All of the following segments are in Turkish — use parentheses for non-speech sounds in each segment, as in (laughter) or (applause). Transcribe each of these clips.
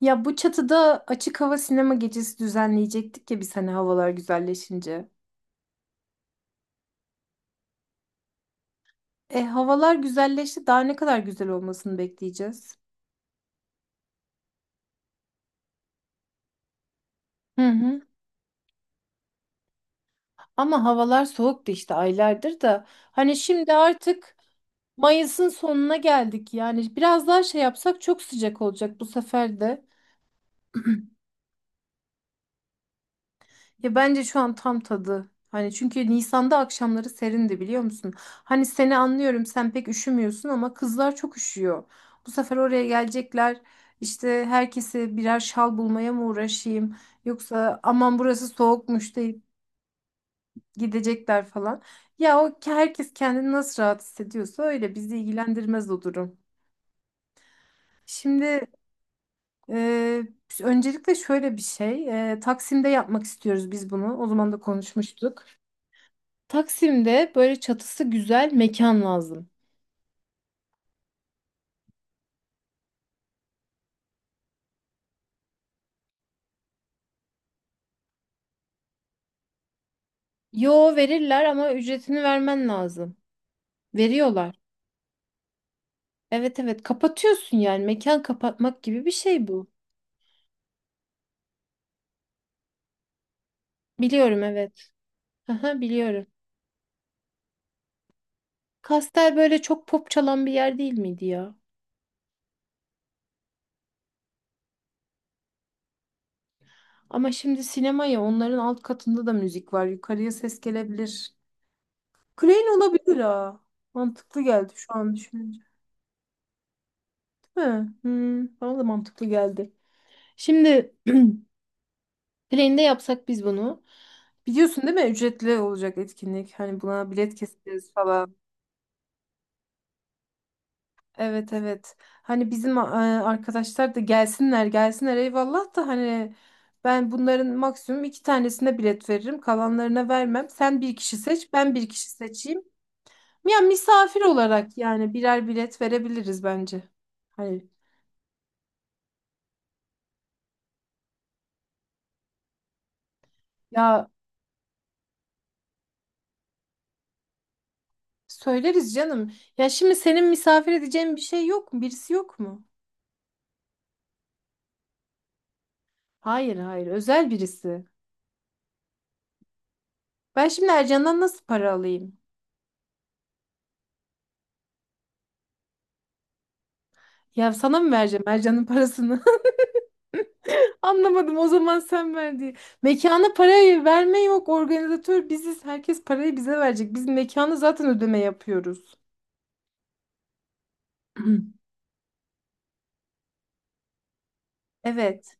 Ya bu çatıda açık hava sinema gecesi düzenleyecektik ya biz hani havalar güzelleşince. E havalar güzelleşti daha ne kadar güzel olmasını bekleyeceğiz. Hı hı. Ama havalar soğuktu işte aylardır da. Hani şimdi artık Mayıs'ın sonuna geldik yani biraz daha şey yapsak çok sıcak olacak bu sefer de. (clears throat) Ya bence şu an tam tadı. Hani çünkü Nisan'da akşamları serindi biliyor musun? Hani seni anlıyorum sen pek üşümüyorsun ama kızlar çok üşüyor. Bu sefer oraya gelecekler. İşte herkese birer şal bulmaya mı uğraşayım? Yoksa aman burası soğukmuş deyip gidecekler falan. Ya o herkes kendini nasıl rahat hissediyorsa öyle bizi ilgilendirmez o durum. Şimdi e, öncelikle şöyle bir şey. Taksim'de yapmak istiyoruz biz bunu. O zaman da konuşmuştuk. Taksim'de böyle çatısı güzel mekan lazım. Yo verirler ama ücretini vermen lazım. Veriyorlar. Evet evet, kapatıyorsun yani mekan kapatmak gibi bir şey bu. Biliyorum evet. Aha, biliyorum. Kastel böyle çok pop çalan bir yer değil miydi ya? Ama şimdi sinema ya onların alt katında da müzik var. Yukarıya ses gelebilir. Klein olabilir ha. Mantıklı geldi şu an düşününce. Değil mi? Hmm, bana da mantıklı geldi. Şimdi Plane'de yapsak biz bunu. Biliyorsun değil mi? Ücretli olacak etkinlik. Hani buna bilet keseceğiz falan. Evet evet. Hani bizim arkadaşlar da gelsinler gelsinler eyvallah da hani ben bunların maksimum iki tanesine bilet veririm. Kalanlarına vermem. Sen bir kişi seç, ben bir kişi seçeyim. Ya misafir olarak yani birer bilet verebiliriz bence. Hani ya söyleriz canım. Ya şimdi senin misafir edeceğin bir şey yok mu? Birisi yok mu? Hayır hayır, özel birisi. Ben şimdi Ercan'dan nasıl para alayım? Ya sana mı vereceğim Ercan'ın parasını? (laughs) Anlamadım o zaman sen ver diye. Mekana parayı verme yok. Organizatör biziz. Herkes parayı bize verecek. Biz mekanı zaten ödeme yapıyoruz. (clears throat) Evet.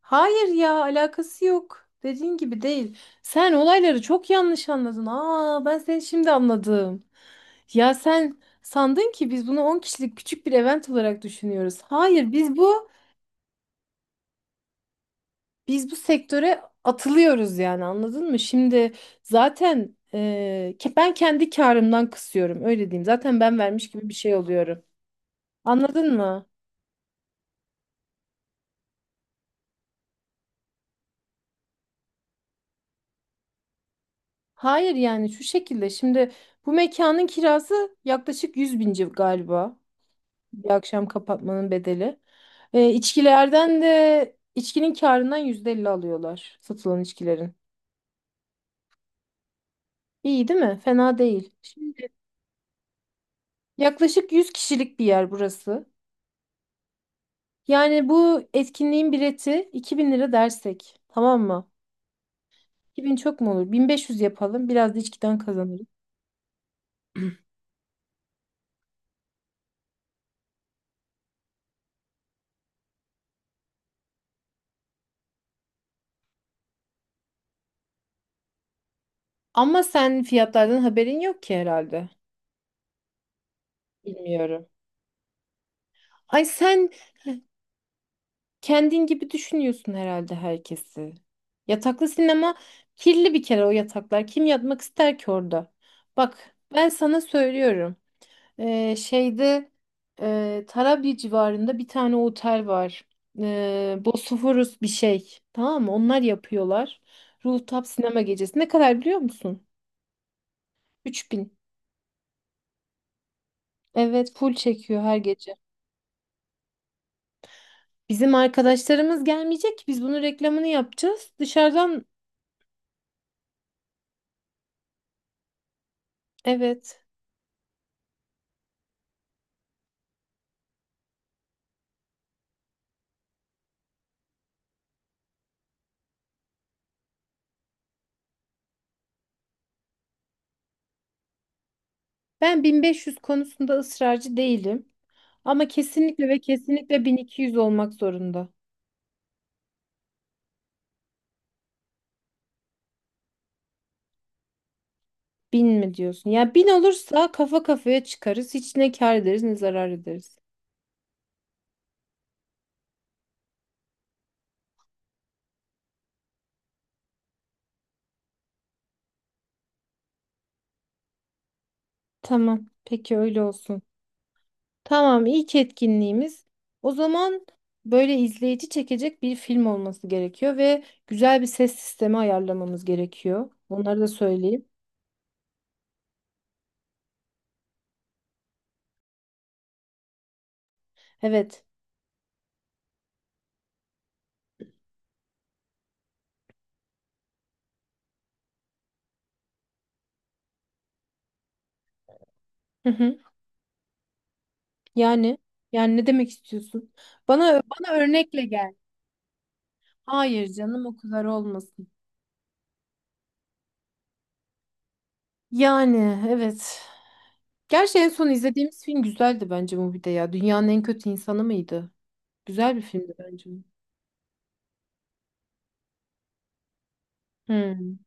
Hayır ya alakası yok. Dediğin gibi değil. Sen olayları çok yanlış anladın. Aa, ben seni şimdi anladım. Ya sen sandın ki biz bunu 10 kişilik küçük bir event olarak düşünüyoruz. Hayır, biz bu sektöre atılıyoruz yani anladın mı? Şimdi zaten ben kendi karımdan kısıyorum öyle diyeyim. Zaten ben vermiş gibi bir şey oluyorum. Anladın mı? Hayır yani şu şekilde şimdi bu mekanın kirası yaklaşık 100 bin galiba. Bir akşam kapatmanın bedeli. E, içkilerden de içkinin karından %50 alıyorlar satılan içkilerin. İyi değil mi? Fena değil. Şimdi yaklaşık 100 kişilik bir yer burası. Yani bu etkinliğin bileti 2000 lira dersek. Tamam mı? 2000 çok mu olur? 1500 yapalım. Biraz da içkiden kazanırız. Ama sen fiyatlardan haberin yok ki herhalde. Bilmiyorum. Ay sen kendin gibi düşünüyorsun herhalde herkesi. Yataklı sinema kirli bir kere o yataklar. Kim yatmak ister ki orada? Bak ben sana söylüyorum. Şeyde Tarabya civarında bir tane otel var. Bosphorus bir şey. Tamam mı? Onlar yapıyorlar. Rooftop sinema gecesi. Ne kadar biliyor musun? 3000. Evet, full çekiyor her gece. Bizim arkadaşlarımız gelmeyecek ki biz bunun reklamını yapacağız. Dışarıdan evet. Ben 1500 konusunda ısrarcı değilim. Ama kesinlikle ve kesinlikle 1200 olmak zorunda. Bin mi diyorsun? Ya bin olursa kafa kafaya çıkarız. Hiç ne kâr ederiz ne zarar ederiz. Tamam. Peki öyle olsun. Tamam, ilk etkinliğimiz. O zaman böyle izleyici çekecek bir film olması gerekiyor ve güzel bir ses sistemi ayarlamamız gerekiyor. Onları da söyleyeyim. Evet. Hı hı. Yani yani ne demek istiyorsun? Bana örnekle gel. Hayır canım o kadar olmasın. Yani evet. Gerçi en son izlediğimiz film güzeldi bence Mubi'de ya. Dünyanın en kötü insanı mıydı? Güzel bir filmdi bence. Hmm.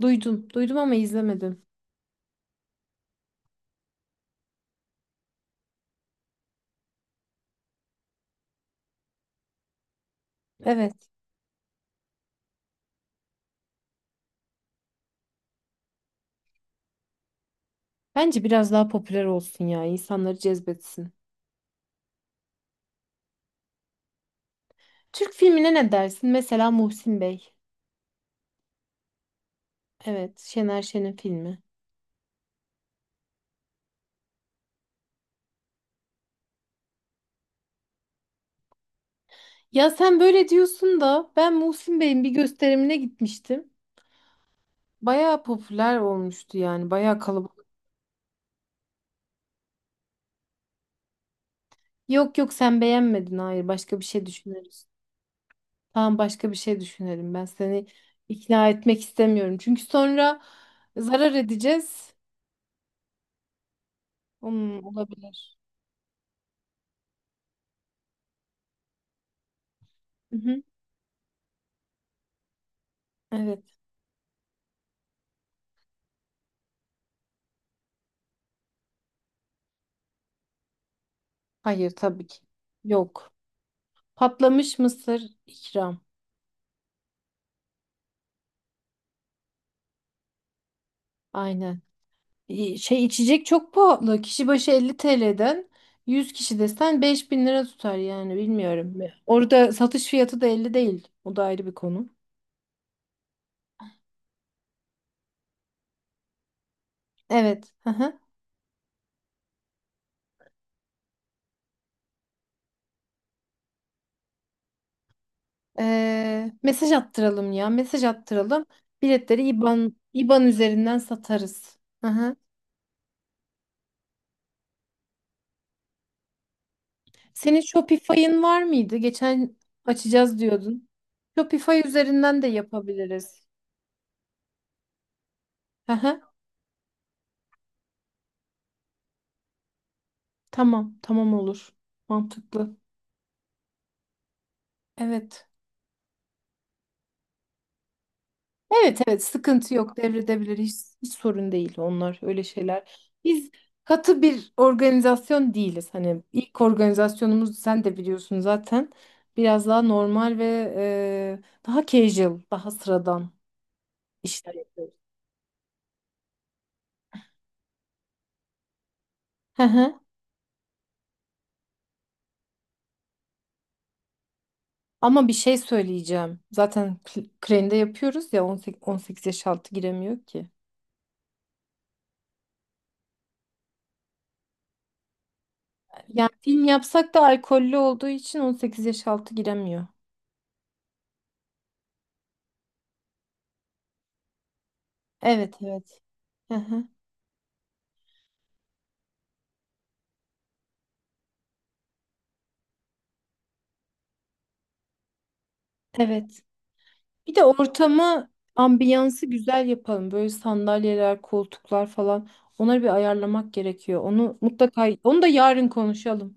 Duydum. Duydum ama izlemedim. Evet. Bence biraz daha popüler olsun ya. İnsanları cezbetsin. Türk filmine ne dersin? Mesela Muhsin Bey. Evet. Şener Şen'in filmi. Ya sen böyle diyorsun da ben Muhsin Bey'in bir gösterimine gitmiştim. Bayağı popüler olmuştu yani. Bayağı kalabalık. Yok yok, sen beğenmedin. Hayır, başka bir şey düşünürüz. Tamam, başka bir şey düşünelim. Ben seni ikna etmek istemiyorum. Çünkü sonra zarar edeceğiz. Hmm, olabilir. Hı hı. Evet. Hayır tabii ki. Yok. Patlamış mısır ikram. Aynen. Şey içecek çok pahalı. Kişi başı 50 TL'den 100 kişi desen 5000 lira tutar yani bilmiyorum. Orada satış fiyatı da 50 değil. O da ayrı bir konu. Evet. Hı hı. Mesaj attıralım ya. Mesaj attıralım. Biletleri IBAN üzerinden satarız. Hı hı. Senin Shopify'ın var mıydı? Geçen açacağız diyordun. Shopify üzerinden de yapabiliriz. Hı hı. Tamam, tamam olur. Mantıklı. Evet. Evet evet, sıkıntı yok, devredebilir, hiç sorun değil onlar öyle şeyler. Biz katı bir organizasyon değiliz. Hani ilk organizasyonumuz sen de biliyorsun zaten biraz daha normal ve daha casual daha sıradan işler yapıyoruz. Hı hı. Ama bir şey söyleyeceğim. Zaten Crane'de yapıyoruz ya 18 yaş altı giremiyor ki. Yani film yapsak da alkollü olduğu için 18 yaş altı giremiyor. Evet evet. Hı hı. Evet. Bir de ortamı, ambiyansı güzel yapalım. Böyle sandalyeler, koltuklar falan. Onları bir ayarlamak gerekiyor. Onu mutlaka, onu da yarın konuşalım.